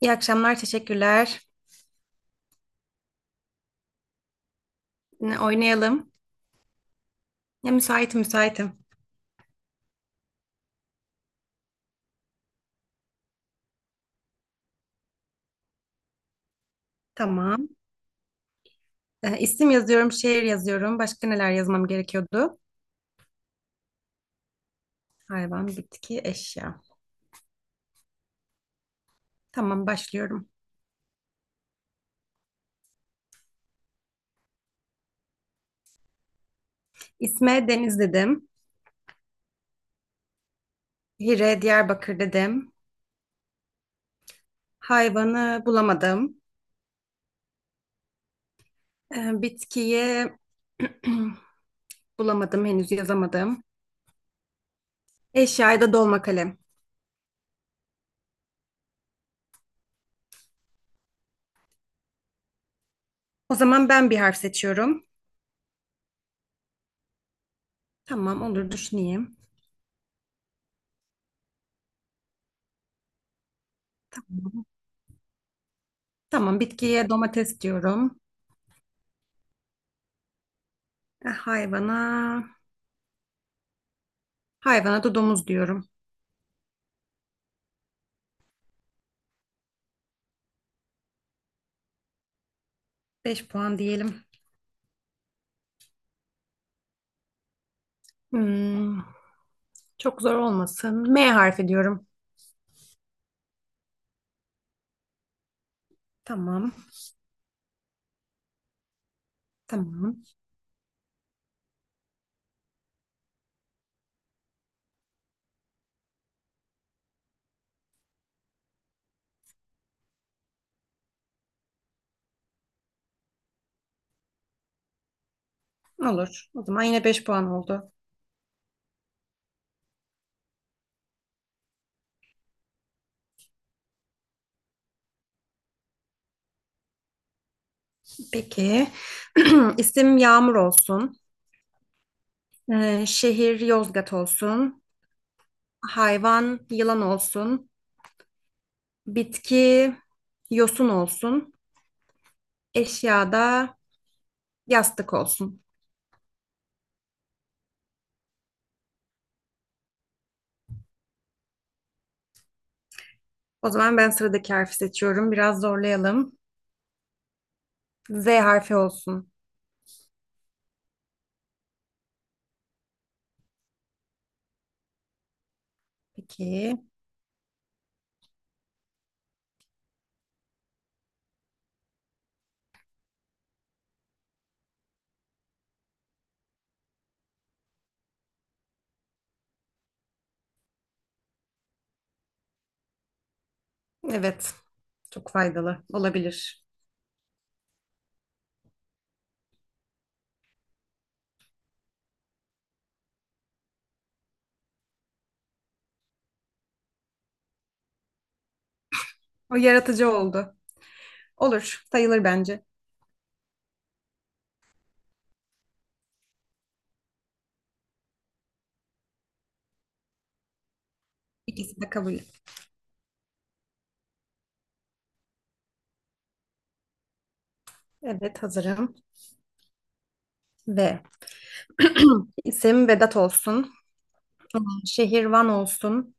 İyi akşamlar, teşekkürler. Yine oynayalım. Ya müsaitim, müsaitim. Tamam. İsim yazıyorum, şehir yazıyorum. Başka neler yazmam gerekiyordu? Hayvan, bitki, eşya. Tamam, başlıyorum. İsme Deniz dedim. Hire, Diyarbakır dedim. Hayvanı bulamadım. Bitkiyi bulamadım, henüz yazamadım. Eşyayı da dolma kalem. O zaman ben bir harf seçiyorum. Tamam, olur düşüneyim. Tamam, bitkiye domates diyorum. E, Hayvana Hayvana da domuz diyorum. 5 puan diyelim. Hmm, çok zor olmasın. M harfi diyorum. Tamam, tamam. Olur. O zaman yine beş puan oldu. Peki. İsim Yağmur olsun. Şehir Yozgat olsun. Hayvan yılan olsun. Bitki yosun olsun. Eşyada yastık olsun. O zaman ben sıradaki harfi seçiyorum. Biraz zorlayalım. Z harfi olsun. Peki. Evet. Çok faydalı olabilir. O yaratıcı oldu. Olur, sayılır bence. İkisi de kabul. Evet, hazırım. Ve isim Vedat olsun. Şehir Van olsun.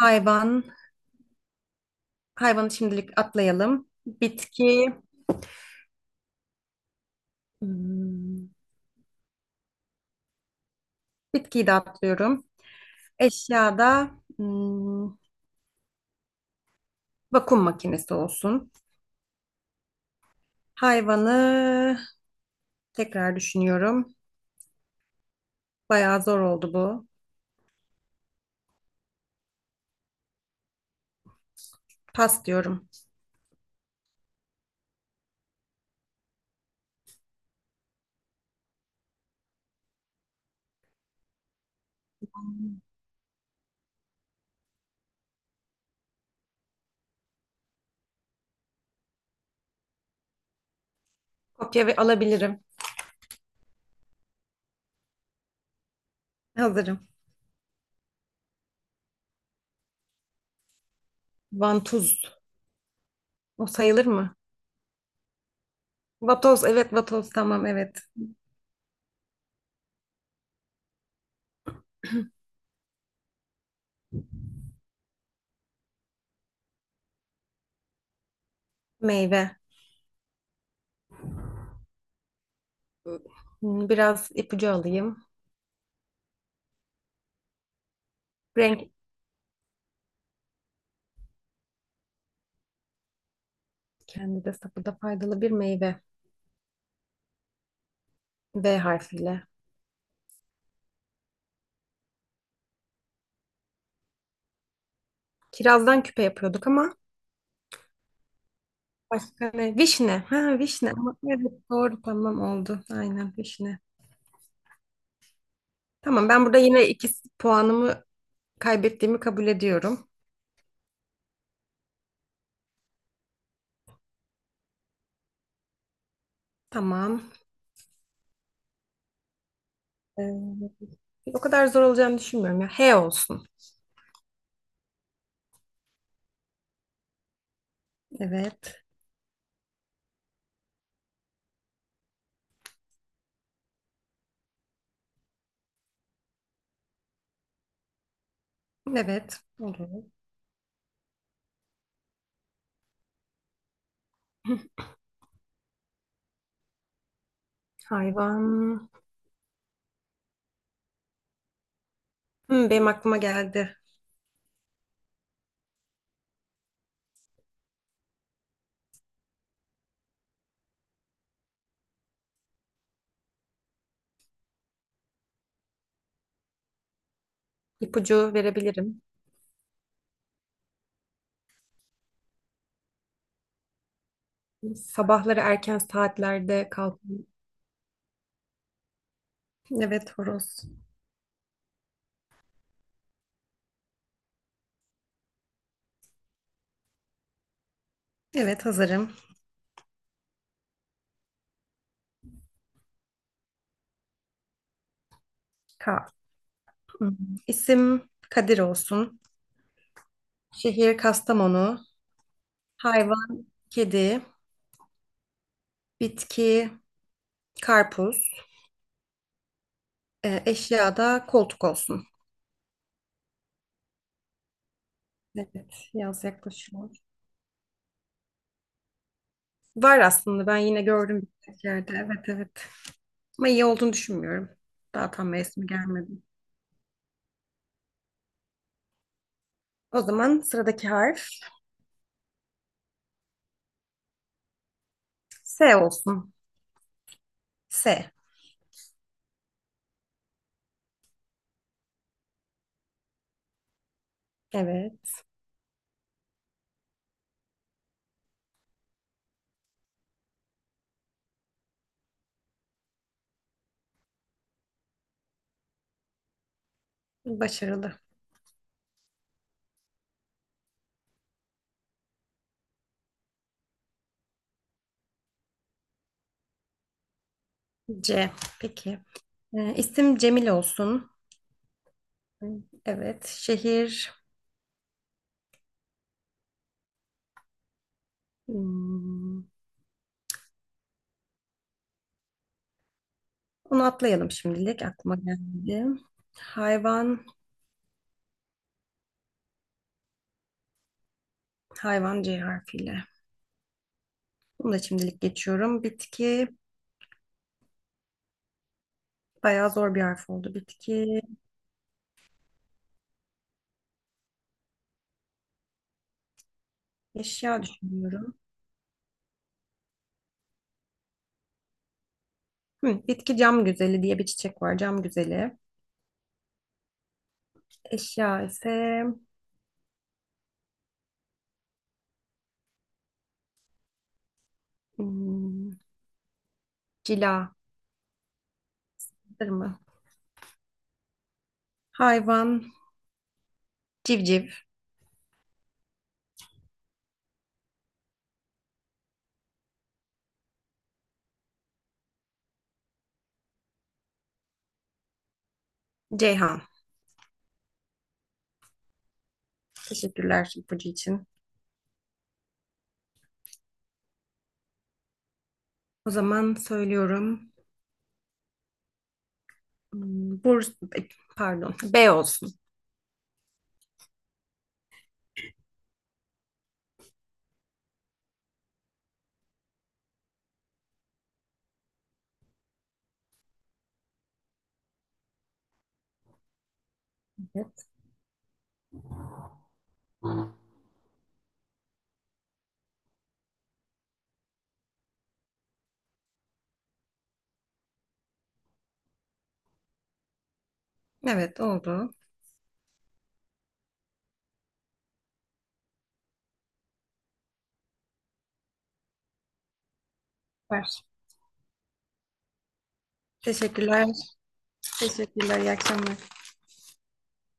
Hayvan, hayvanı şimdilik atlayalım. Hmm, bitkiyi de atlıyorum. Eşyada hmm, vakum makinesi olsun. Hayvanı tekrar düşünüyorum. Bayağı zor oldu bu. Pas diyorum. Kopya ve alabilirim. Hazırım. Vantuz, o sayılır mı? Vatoz, evet vatoz, tamam evet. Meyve. Hmm, biraz ipucu alayım. Renk kendi de sapı da faydalı bir meyve. V harfiyle. Kirazdan küpe yapıyorduk ama başka ne? Vişne. Ha vişne. Ama evet doğru tamam oldu. Aynen vişne. Tamam, ben burada yine iki puanımı kaybettiğimi kabul ediyorum. Tamam. Ee, O kadar zor olacağını düşünmüyorum ya. H olsun. Evet. Evet. Olur. Hayvan. Hmm, benim aklıma geldi. İpucu verebilirim. Sabahları erken saatlerde kalkın. Evet horoz. Evet, hazırım. Ka. Hmm. İsim Kadir olsun. Şehir Kastamonu. Hayvan kedi. Bitki karpuz. Eşya da koltuk olsun. Evet, yaz yaklaşıyor. Var aslında, ben yine gördüm birkaç yerde. Evet, evet. Ama iyi olduğunu düşünmüyorum. Daha tam mevsimi gelmedi. O zaman sıradaki harf S olsun. S. Evet. Başarılı. C. Peki. İsim Cemil olsun. Evet. Şehir. hmm, onu atlayalım şimdilik. Aklıma geldi. Hayvan. Hayvan C harfiyle. Bunu da şimdilik geçiyorum. Bitki. Bayağı zor bir harf oldu. Bitki. Eşya düşünüyorum. Hı, bitki cam güzeli diye bir çiçek var. Cam güzeli. Eşya ise hmm, cila. Mı? Hayvan. Civciv. Ceyhan. Teşekkürler ipucu için. O zaman söylüyorum. Hmm, Burs, e, Pardon, B olsun. Evet, evet oldu. Süper. Teşekkürler. Teşekkürler. İyi akşamlar.